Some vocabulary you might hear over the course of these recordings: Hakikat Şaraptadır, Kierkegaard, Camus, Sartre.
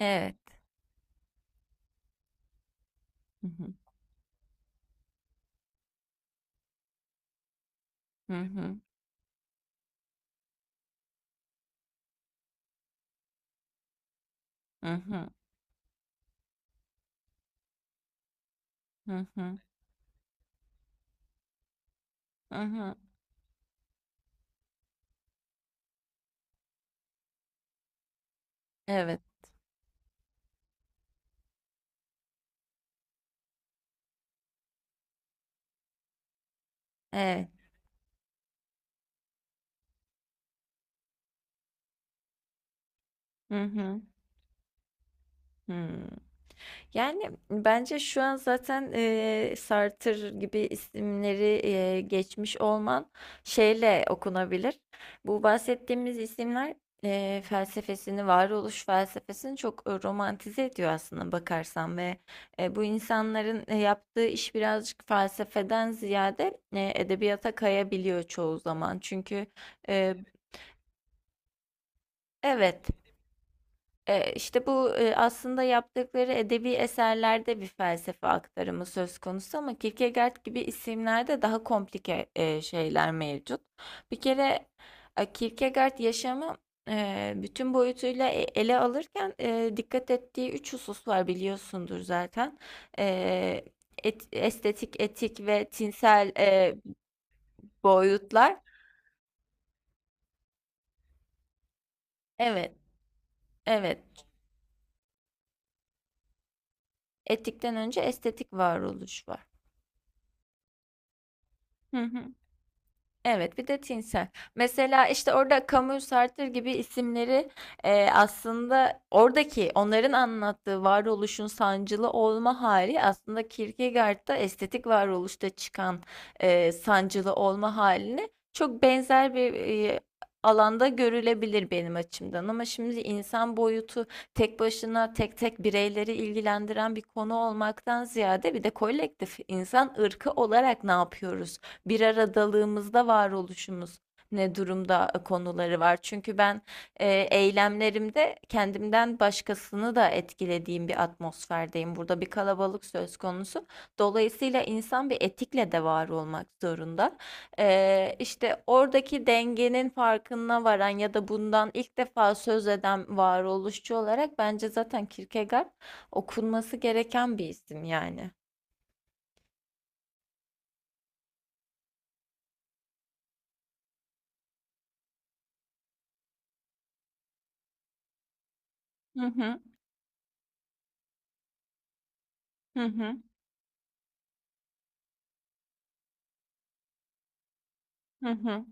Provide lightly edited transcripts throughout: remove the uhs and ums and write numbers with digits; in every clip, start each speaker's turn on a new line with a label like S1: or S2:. S1: Evet. Hı hı. Hı hı. Hı hı. Hı hı. Hı hı. Evet. Evet. Hı hı. Hı. Yani bence şu an zaten Sartre gibi isimleri geçmiş olman şeyle okunabilir. Bu bahsettiğimiz isimler felsefesini, varoluş felsefesini çok romantize ediyor aslında bakarsan ve bu insanların yaptığı iş birazcık felsefeden ziyade edebiyata kayabiliyor çoğu zaman. Çünkü e, evet. İşte bu, aslında yaptıkları edebi eserlerde bir felsefe aktarımı söz konusu ama Kierkegaard gibi isimlerde daha komplike, şeyler mevcut. Bir kere, Kierkegaard yaşamı, bütün boyutuyla ele alırken, dikkat ettiği 3 husus var biliyorsundur zaten. Eee, et estetik, etik ve tinsel, boyutlar. Evet, evet. Etikten önce estetik varoluş var. Hı hı. Evet, bir de tinsel. Mesela işte orada Camus, Sartre gibi isimleri aslında oradaki onların anlattığı varoluşun sancılı olma hali aslında Kierkegaard'da estetik varoluşta çıkan sancılı olma haline çok benzer bir alanda görülebilir benim açımdan. Ama şimdi insan boyutu tek başına tek tek bireyleri ilgilendiren bir konu olmaktan ziyade bir de kolektif insan ırkı olarak ne yapıyoruz? Bir aradalığımızda varoluşumuz ne durumda konuları var. Çünkü ben eylemlerimde kendimden başkasını da etkilediğim bir atmosferdeyim. Burada bir kalabalık söz konusu. Dolayısıyla insan bir etikle de var olmak zorunda. İşte oradaki dengenin farkına varan ya da bundan ilk defa söz eden varoluşçu olarak bence zaten Kierkegaard okunması gereken bir isim yani. Hı hı, hı hı, hı hı.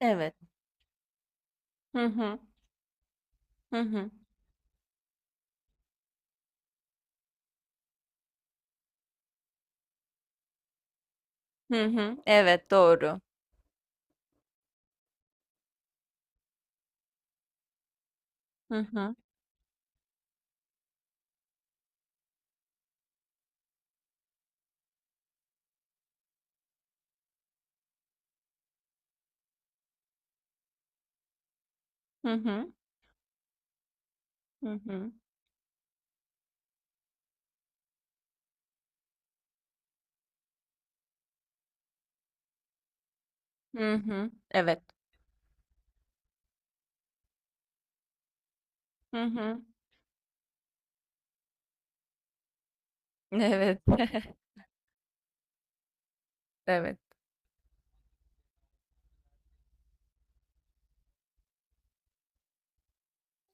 S1: Evet. Hı hı. Hı hı. Hı hı. Evet, doğru. Hı hı. Hı hı. Hı hı. Hı hı. Evet. Hı hı. Evet. Evet.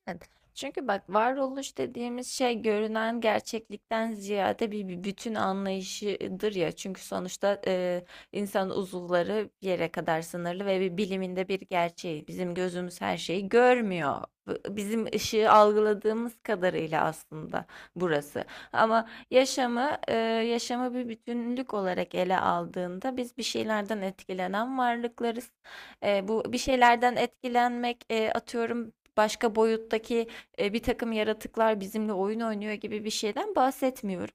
S1: Evet. Çünkü bak varoluş dediğimiz şey görünen gerçeklikten ziyade bir bütün anlayışıdır ya. Çünkü sonuçta insan uzuvları bir yere kadar sınırlı ve bir biliminde bir gerçeği. Bizim gözümüz her şeyi görmüyor. Bizim ışığı algıladığımız kadarıyla aslında burası. Ama yaşamı bir bütünlük olarak ele aldığında biz bir şeylerden etkilenen varlıklarız. Bu bir şeylerden etkilenmek atıyorum başka boyuttaki, bir takım yaratıklar bizimle oyun oynuyor gibi bir şeyden bahsetmiyorum.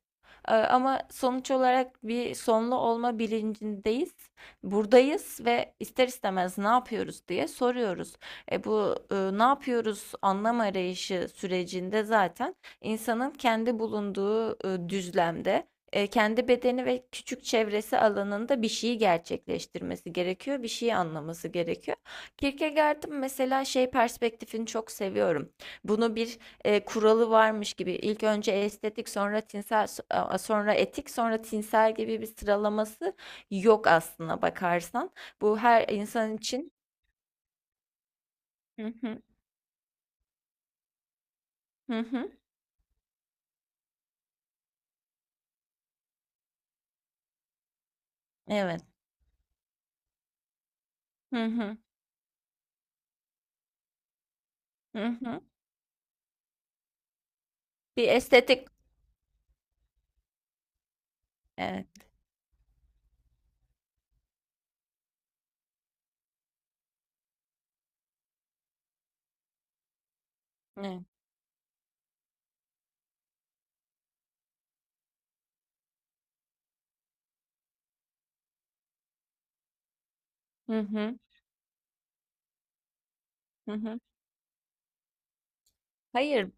S1: Ama sonuç olarak bir sonlu olma bilincindeyiz. Buradayız ve ister istemez ne yapıyoruz diye soruyoruz. Bu ne yapıyoruz anlam arayışı sürecinde zaten insanın kendi bulunduğu düzlemde, kendi bedeni ve küçük çevresi alanında bir şeyi gerçekleştirmesi gerekiyor, bir şeyi anlaması gerekiyor. Kierkegaard'ın mesela şey perspektifini çok seviyorum. Bunu bir kuralı varmış gibi ilk önce estetik sonra tinsel sonra etik sonra tinsel gibi bir sıralaması yok aslına bakarsan. Bu her insan için. Hı hı, hı hı, evet, hı hı, hı hı. Bir estetik. Evet, evet, hı hı, hı hı. Hayır,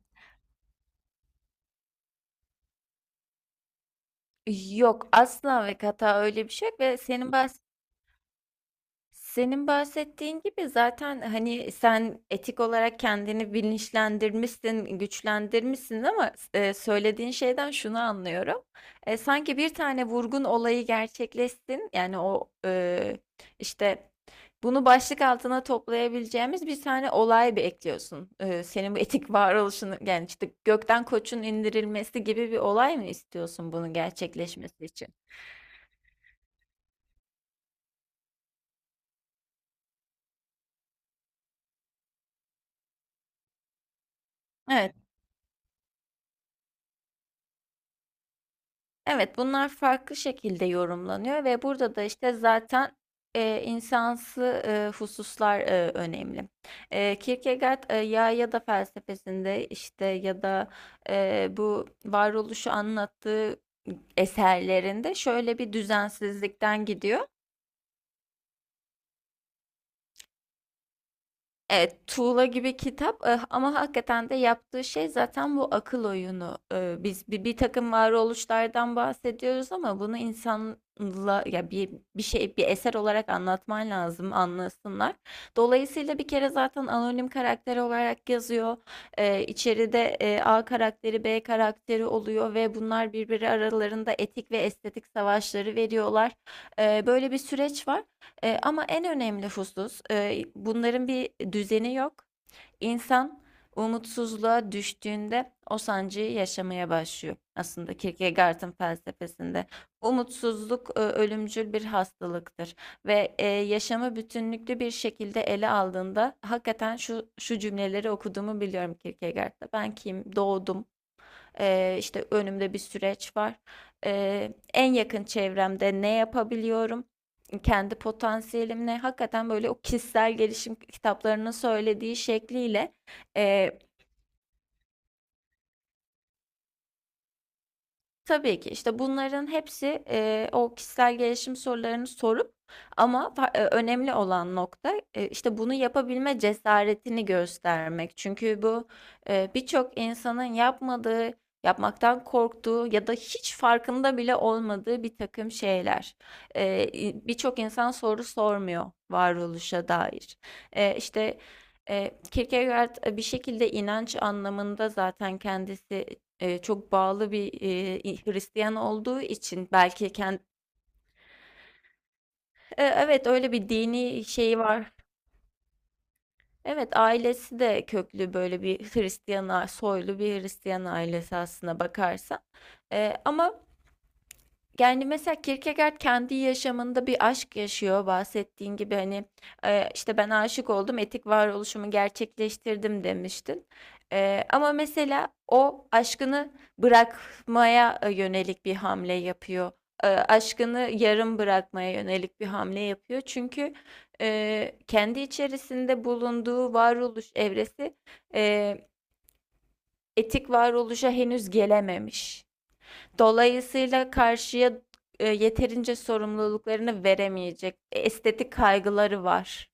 S1: yok asla ve kata öyle bir şey yok ve Senin bahsettiğin gibi zaten hani sen etik olarak kendini bilinçlendirmişsin, güçlendirmişsin ama söylediğin şeyden şunu anlıyorum. Sanki bir tane vurgun olayı gerçekleşsin. Yani o işte bunu başlık altına toplayabileceğimiz bir tane olay bir ekliyorsun. Senin bu etik varoluşunu yani işte gökten koçun indirilmesi gibi bir olay mı istiyorsun bunun gerçekleşmesi için? Evet. Evet, bunlar farklı şekilde yorumlanıyor ve burada da işte zaten insansı hususlar önemli. Kierkegaard ya da felsefesinde işte ya da bu varoluşu anlattığı eserlerinde şöyle bir düzensizlikten gidiyor. Evet, tuğla gibi kitap ama hakikaten de yaptığı şey zaten bu akıl oyunu. Biz bir takım varoluşlardan bahsediyoruz ama bunu insanla ya bir şey bir eser olarak anlatman lazım anlasınlar. Dolayısıyla bir kere zaten anonim karakter olarak yazıyor. Eh, içeride A karakteri, B karakteri oluyor ve bunlar birbiri aralarında etik ve estetik savaşları veriyorlar. Böyle bir süreç var. Ama en önemli husus, bunların bir düzeni yok. İnsan umutsuzluğa düştüğünde o sancıyı yaşamaya başlıyor. Aslında Kierkegaard'ın felsefesinde umutsuzluk ölümcül bir hastalıktır ve yaşamı bütünlüklü bir şekilde ele aldığında hakikaten şu cümleleri okuduğumu biliyorum Kierkegaard'da. Ben kim? Doğdum. İşte önümde bir süreç var. En yakın çevremde ne yapabiliyorum? Kendi potansiyelimle hakikaten böyle o kişisel gelişim kitaplarının söylediği şekliyle e, tabii ki. İşte bunların hepsi, o kişisel gelişim sorularını sorup ama fa önemli olan nokta, işte, bunu yapabilme cesaretini göstermek. Çünkü bu, birçok insanın yapmadığı, yapmaktan korktuğu ya da hiç farkında bile olmadığı bir takım şeyler. İ Birçok insan soru sormuyor varoluşa dair. İşte, Kierkegaard, bir şekilde inanç anlamında zaten kendisi çok bağlı bir, Hristiyan olduğu için belki kendi evet, öyle bir dini şeyi var. Evet, ailesi de köklü böyle bir Hristiyan soylu bir Hristiyan ailesi aslına bakarsan. Ama Yani mesela Kierkegaard kendi yaşamında bir aşk yaşıyor bahsettiğin gibi hani işte ben aşık oldum etik varoluşumu gerçekleştirdim demiştin. Ama mesela o aşkını bırakmaya yönelik bir hamle yapıyor. Aşkını yarım bırakmaya yönelik bir hamle yapıyor. Çünkü kendi içerisinde bulunduğu varoluş evresi e, etik varoluşa henüz gelememiş. Dolayısıyla karşıya yeterince sorumluluklarını veremeyecek estetik kaygıları var.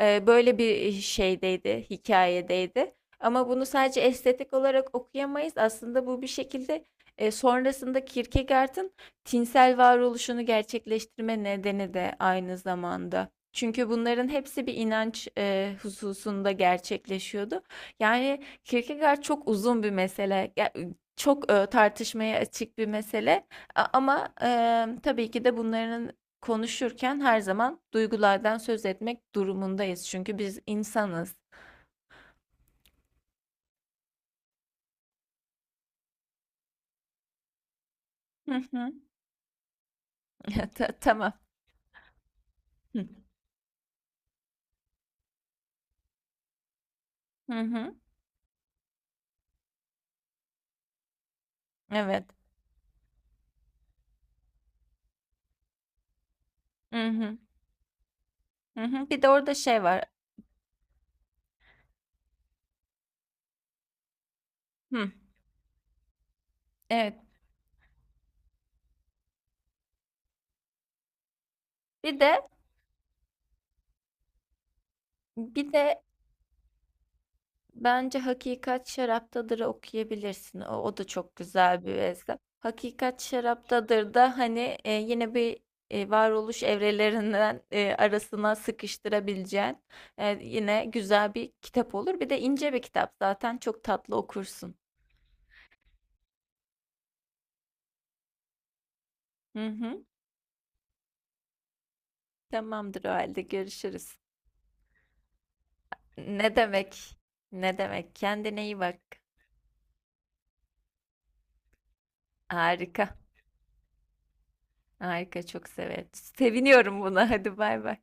S1: Böyle bir şeydeydi, hikayedeydi. Ama bunu sadece estetik olarak okuyamayız. Aslında bu bir şekilde, sonrasında Kierkegaard'ın tinsel varoluşunu gerçekleştirme nedeni de aynı zamanda. Çünkü bunların hepsi bir inanç, hususunda gerçekleşiyordu. Yani Kierkegaard çok uzun bir mesele. Ya, çok, tartışmaya açık bir mesele ama, tabii ki de bunların, konuşurken her zaman duygulardan söz etmek durumundayız. Çünkü biz insanız. Hı hı. Tamam. Hı, hı hı. Evet. Hı hı. Hı hı. Bir de orada şey var. Hı. Evet. Bir de bir de Bence Hakikat Şaraptadır'ı okuyabilirsin. O da çok güzel bir eser. Hakikat Şaraptadır da hani yine bir varoluş evrelerinden arasına sıkıştırabileceğin yine güzel bir kitap olur. Bir de ince bir kitap zaten çok tatlı okursun. Hı hı. Tamamdır o halde görüşürüz. Ne demek? Ne demek? Kendine iyi bak. Harika. Harika çok severim. Seviniyorum buna. Hadi bay bay.